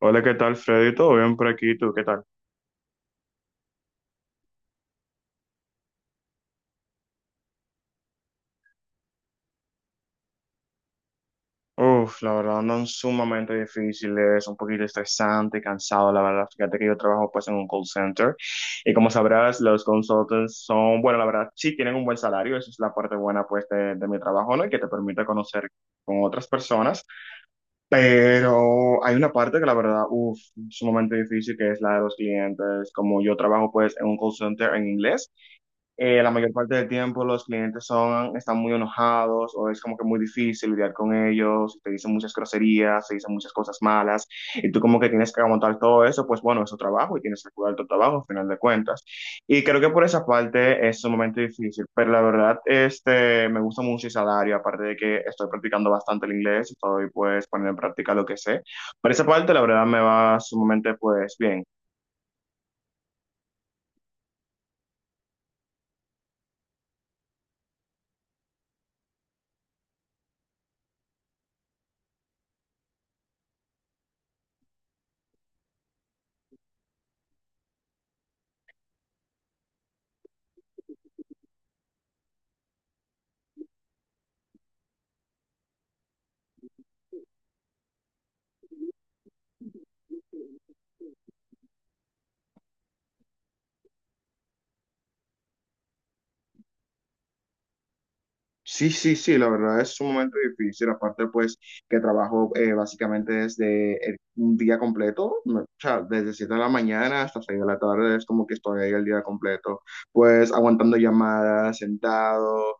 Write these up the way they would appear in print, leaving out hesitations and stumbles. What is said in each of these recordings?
Hola, ¿qué tal, Freddy? ¿Todo bien por aquí? ¿Tú qué tal? Uf, la verdad andan sumamente difíciles, un poquito estresante, cansado, la verdad. Fíjate que yo trabajo pues en un call center y como sabrás, los consultants son, bueno, la verdad, sí tienen un buen salario, esa es la parte buena pues de mi trabajo, ¿no? Y que te permite conocer con otras personas, pero hay una parte que la verdad, uf, sumamente difícil, que es la de los clientes. Como yo trabajo pues en un call center en inglés. La mayor parte del tiempo los clientes son, están muy enojados o es como que muy difícil lidiar con ellos, te dicen muchas groserías, te dicen muchas cosas malas y tú como que tienes que aguantar todo eso, pues bueno, es tu trabajo y tienes que cuidar tu trabajo al final de cuentas. Y creo que por esa parte es un momento difícil, pero la verdad este, me gusta mucho el salario, aparte de que estoy practicando bastante el inglés, estoy pues poniendo en práctica lo que sé. Por esa parte la verdad me va sumamente pues bien. Sí, sí, sí, la verdad es un momento difícil, aparte pues que trabajo básicamente desde un día completo, no, o sea, desde 7 de la mañana hasta 6 de la tarde es como que estoy ahí el día completo, pues aguantando llamadas, sentado,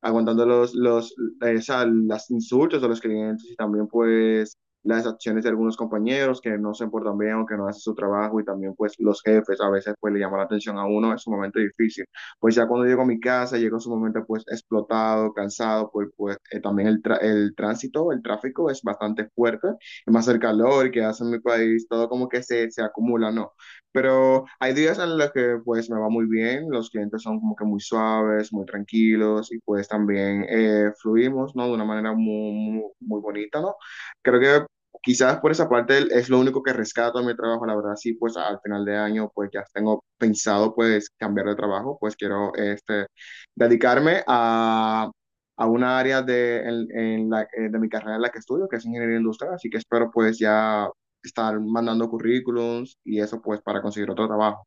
aguantando esa, las insultos de los clientes y también pues las acciones de algunos compañeros que no se portan bien o que no hacen su trabajo y también pues los jefes a veces pues le llaman la atención a uno, es un momento difícil. Pues ya cuando llego a mi casa, llego su momento pues explotado, cansado, pues, también el tránsito, el tráfico es bastante fuerte, más el calor que hace en mi país, todo como que se acumula, ¿no? Pero hay días en los que pues me va muy bien, los clientes son como que muy suaves, muy tranquilos y pues también fluimos, ¿no? De una manera muy, muy, muy bonita, ¿no? Creo que quizás por esa parte es lo único que rescato de mi trabajo, la verdad, sí, pues al final de año pues ya tengo pensado pues cambiar de trabajo, pues quiero este, dedicarme a una área en la, de mi carrera en la que estudio, que es ingeniería industrial, así que espero pues ya estar mandando currículums y eso pues para conseguir otro trabajo.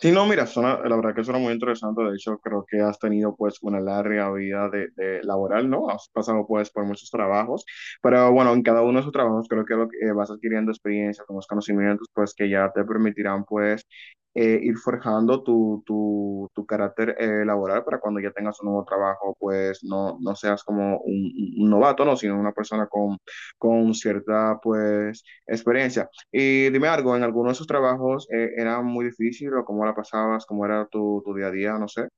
Sí, no, mira, la verdad que suena muy interesante. De hecho, creo que has tenido pues una larga vida de laboral, ¿no? Has pasado pues por muchos trabajos, pero bueno, en cada uno de esos trabajos creo que, lo que, vas adquiriendo experiencia, unos conocimientos pues que ya te permitirán pues ir forjando tu carácter laboral para cuando ya tengas un nuevo trabajo pues no, no seas como un novato, ¿no? Sino una persona con cierta pues experiencia. Y dime algo, ¿en alguno de esos trabajos era muy difícil o cómo la pasabas, cómo era tu día a día, no sé?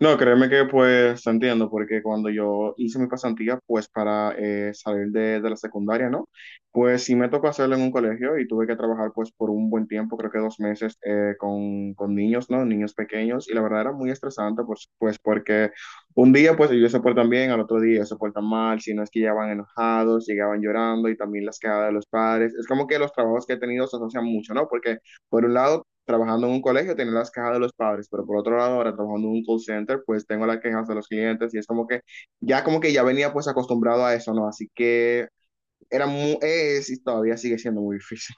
No, créeme que pues te entiendo, porque cuando yo hice mi pasantía, pues para salir de la secundaria, ¿no? Pues sí me tocó hacerlo en un colegio y tuve que trabajar pues por un buen tiempo, creo que 2 meses, con niños, ¿no? Niños pequeños, y la verdad era muy estresante, pues, pues porque un día pues ellos se portan bien, al otro día se portan mal, si no es que llegaban enojados, llegaban llorando y también las quedadas de los padres. Es como que los trabajos que he tenido se asocian mucho, ¿no? Porque por un lado trabajando en un colegio tener las quejas de los padres, pero por otro lado, ahora trabajando en un call center, pues tengo las quejas de los clientes y es como que ya venía pues acostumbrado a eso, ¿no? Así que era muy, es y todavía sigue siendo muy difícil.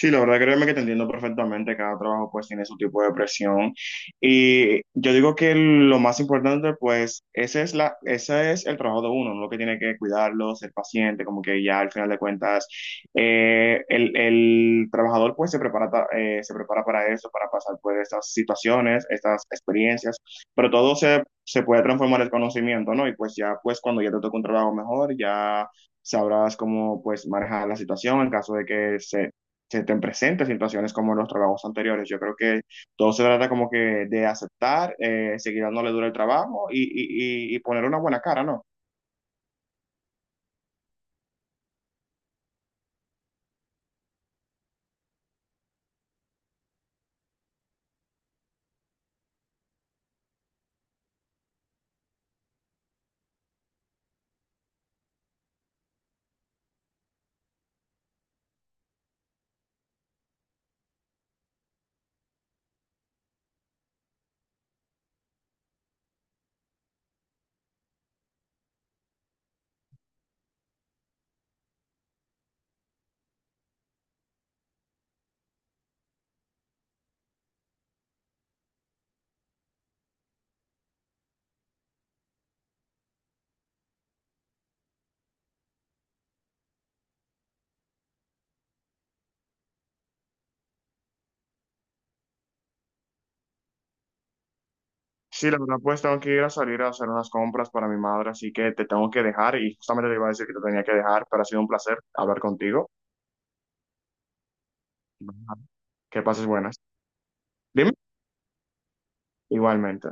Sí, la verdad, créeme que te entiendo perfectamente, cada trabajo pues tiene su tipo de presión y yo digo que lo más importante pues ese es la, ese es el trabajo de uno, lo que tiene que cuidarlo, ser paciente, como que ya al final de cuentas el trabajador pues se prepara, se prepara para eso, para pasar pues estas situaciones, estas experiencias, pero todo se, se puede transformar en conocimiento, ¿no? Y pues ya pues cuando ya te toca un trabajo mejor, ya... Sabrás cómo pues manejar la situación en caso de que se te presenten situaciones como en los trabajos anteriores. Yo creo que todo se trata como que de aceptar, seguir dándole duro el trabajo y poner una buena cara, ¿no? Sí, la verdad, pues tengo que ir a salir a hacer unas compras para mi madre, así que te tengo que dejar y justamente te iba a decir que te tenía que dejar, pero ha sido un placer hablar contigo. Ujú. Que pases buenas. Dime. Igualmente.